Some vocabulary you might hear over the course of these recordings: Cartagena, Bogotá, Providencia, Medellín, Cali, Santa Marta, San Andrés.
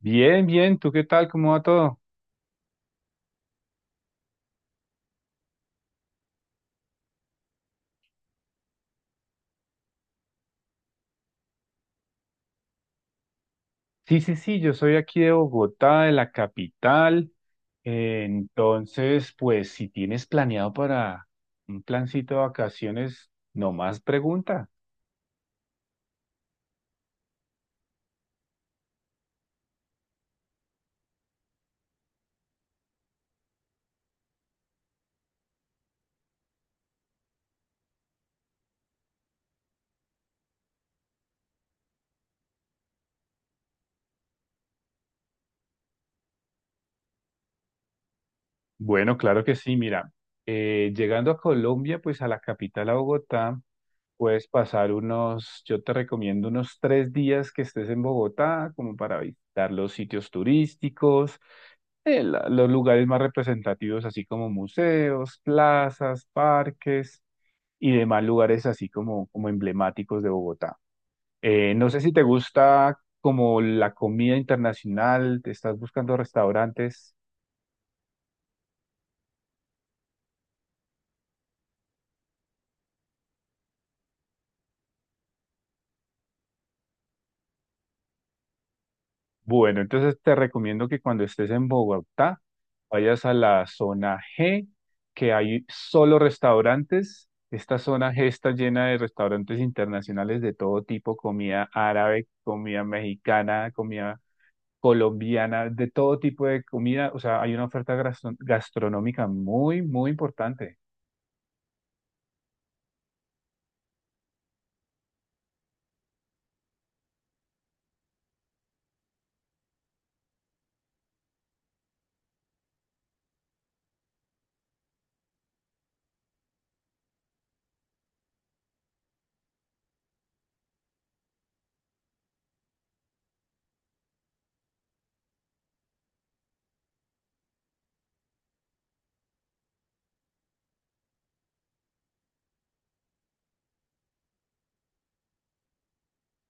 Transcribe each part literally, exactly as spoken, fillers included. Bien, bien, ¿tú qué tal? ¿Cómo va todo? Sí, sí, sí, yo soy aquí de Bogotá, de la capital. Eh, Entonces, pues si tienes planeado para un plancito de vacaciones, nomás pregunta. Bueno, claro que sí, mira, eh, llegando a Colombia, pues a la capital, a Bogotá, puedes pasar unos, yo te recomiendo unos tres días que estés en Bogotá, como para visitar los sitios turísticos, eh, la- los lugares más representativos, así como museos, plazas, parques y demás lugares así como, como emblemáticos de Bogotá. Eh, no sé si te gusta como la comida internacional, te estás buscando restaurantes. Bueno, entonces te recomiendo que cuando estés en Bogotá vayas a la zona G, que hay solo restaurantes. Esta zona G está llena de restaurantes internacionales de todo tipo, comida árabe, comida mexicana, comida colombiana, de todo tipo de comida, o sea, hay una oferta gastro- gastronómica muy, muy importante.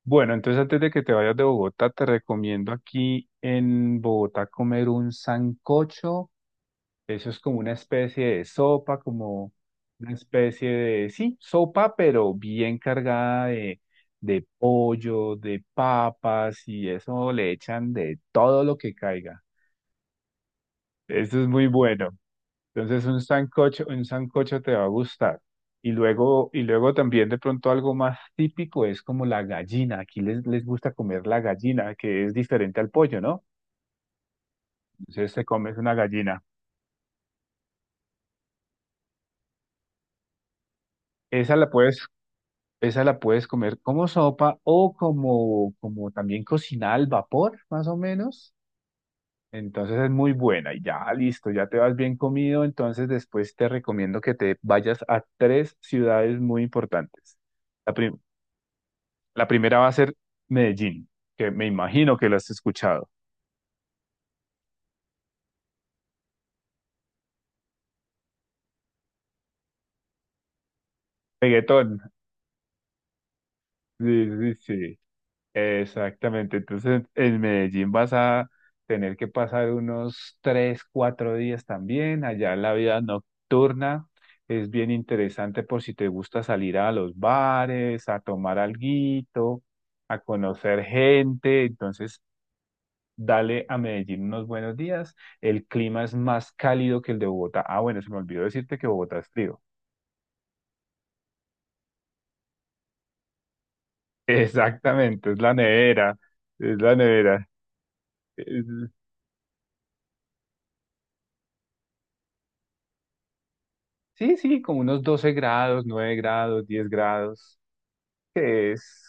Bueno, entonces antes de que te vayas de Bogotá, te recomiendo aquí en Bogotá comer un sancocho. Eso es como una especie de sopa, como una especie de, sí, sopa, pero bien cargada de, de pollo, de papas y eso le echan de todo lo que caiga. Eso es muy bueno. Entonces un sancocho, un sancocho te va a gustar. Y luego, y luego también de pronto algo más típico es como la gallina. Aquí les, les gusta comer la gallina, que es diferente al pollo, ¿no? Entonces te comes una gallina. Esa la puedes, esa la puedes comer como sopa o como, como también cocinada al vapor, más o menos. Entonces es muy buena y ya listo, ya te vas bien comido. Entonces después te recomiendo que te vayas a tres ciudades muy importantes. La, prim- La primera va a ser Medellín, que me imagino que lo has escuchado. Reggaetón. Sí, sí, sí. Exactamente. Entonces, en Medellín vas a tener que pasar unos tres, cuatro días también. Allá la vida nocturna es bien interesante por si te gusta salir a los bares, a tomar alguito, a conocer gente. Entonces, dale a Medellín unos buenos días. El clima es más cálido que el de Bogotá. Ah, bueno, se me olvidó decirte que Bogotá es frío. Exactamente, es la nevera, es la nevera. Es- sí, sí, como unos doce grados, nueve grados, diez grados, que es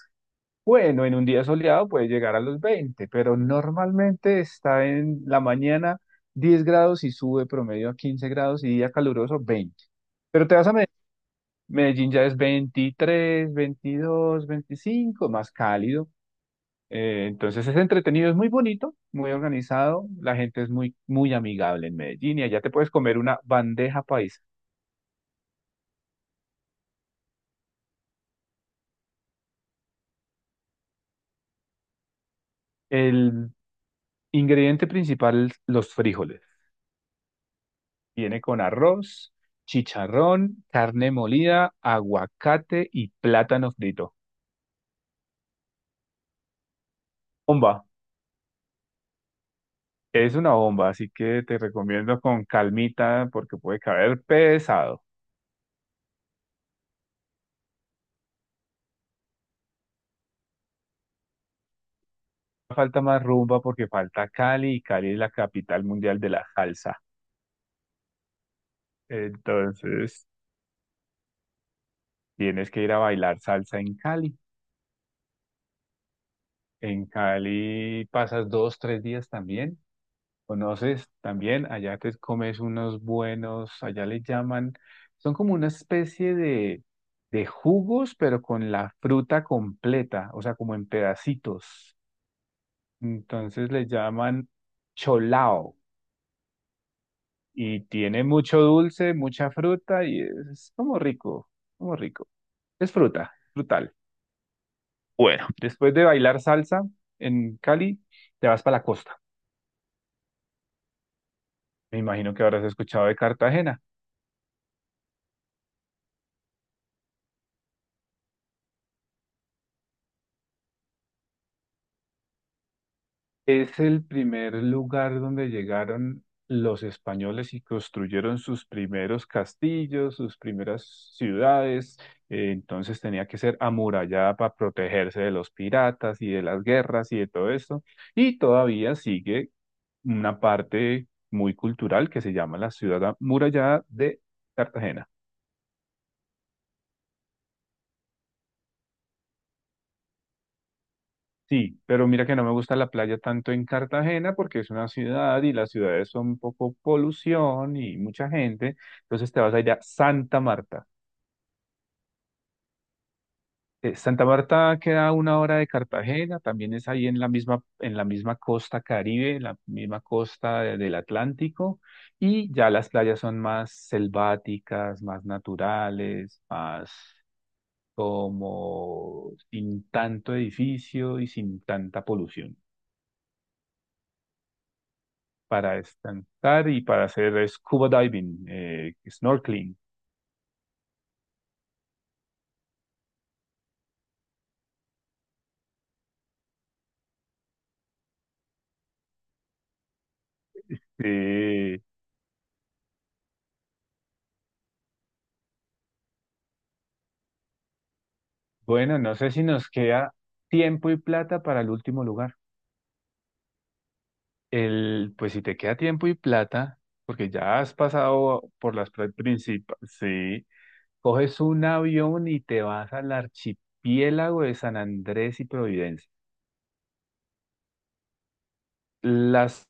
bueno, en un día soleado puede llegar a los veinte, pero normalmente está en la mañana diez grados y sube promedio a quince grados y día caluroso veinte. Pero te vas a Medellín, Medellín ya es veintitrés, veintidós, veinticinco, más cálido. Eh, entonces es entretenido, es muy bonito, muy organizado, la gente es muy, muy amigable en Medellín y allá te puedes comer una bandeja paisa. El ingrediente principal, los frijoles. Viene con arroz, chicharrón, carne molida, aguacate y plátano frito. Bomba, es una bomba, así que te recomiendo con calmita porque puede caer pesado. Falta más rumba porque falta Cali y Cali es la capital mundial de la salsa. Entonces... Tienes que ir a bailar salsa en Cali. En Cali pasas dos, tres días también. Conoces también, allá te comes unos buenos, allá le llaman, son como una especie de, de jugos, pero con la fruta completa, o sea, como en pedacitos. Entonces le llaman cholao y tiene mucho dulce, mucha fruta y es como rico, como rico. Es fruta, frutal. Bueno, después de bailar salsa en Cali, te vas para la costa. Me imagino que habrás escuchado de Cartagena. Es el primer lugar donde llegaron los españoles y construyeron sus primeros castillos, sus primeras ciudades. Eh, Entonces tenía que ser amurallada para protegerse de los piratas y de las guerras y de todo esto. Y todavía sigue una parte muy cultural que se llama la ciudad amurallada de Cartagena. Sí, pero mira que no me gusta la playa tanto en Cartagena porque es una ciudad y las ciudades son un poco polución y mucha gente. Entonces te vas a ir a Santa Marta. Eh, Santa Marta queda a una hora de Cartagena, también es ahí en la misma, en la misma costa Caribe, en la misma costa de- del Atlántico, y ya las playas son más selváticas, más naturales, más como sin tanto edificio y sin tanta polución. Para estantar y para hacer scuba diving, eh, snorkeling. Eh, bueno, no sé si nos queda tiempo y plata para el último lugar. El, pues si te queda tiempo y plata, porque ya has pasado por las principales, sí, coges un avión y te vas al archipiélago de San Andrés y Providencia. Las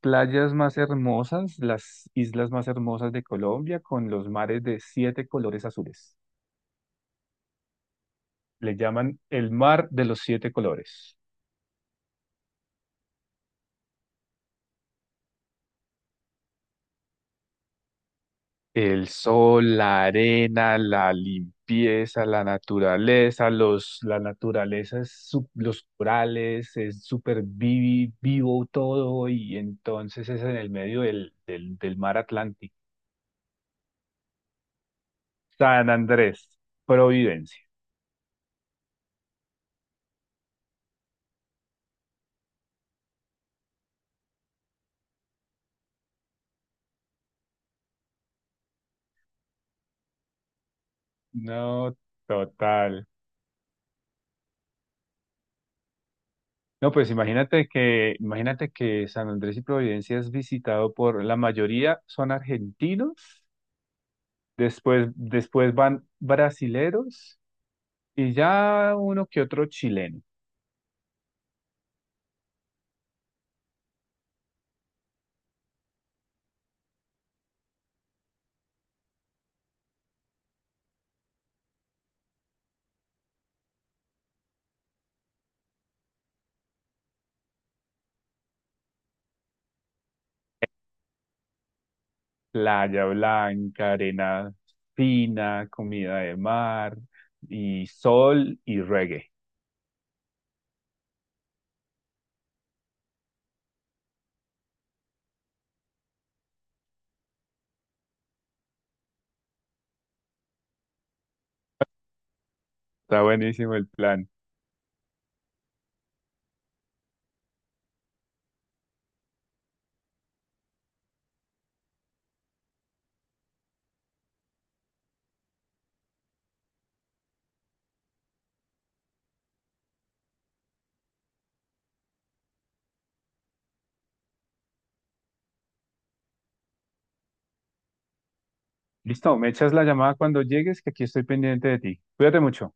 playas más hermosas, las islas más hermosas de Colombia, con los mares de siete colores azules. Le llaman el mar de los siete colores. El sol, la arena, la limpieza, la naturaleza, los, la naturaleza, es su- los corales, es súper vivi- vivo todo y entonces es en el medio del, del, del mar Atlántico. San Andrés, Providencia. No, total. No, pues imagínate que, imagínate que San Andrés y Providencia es visitado por la mayoría son argentinos. Después, después van brasileros y ya uno que otro chileno. Playa blanca, arena fina, comida de mar y sol y reggae. Está buenísimo el plan. Listo, me echas la llamada cuando llegues, que aquí estoy pendiente de ti. Cuídate mucho.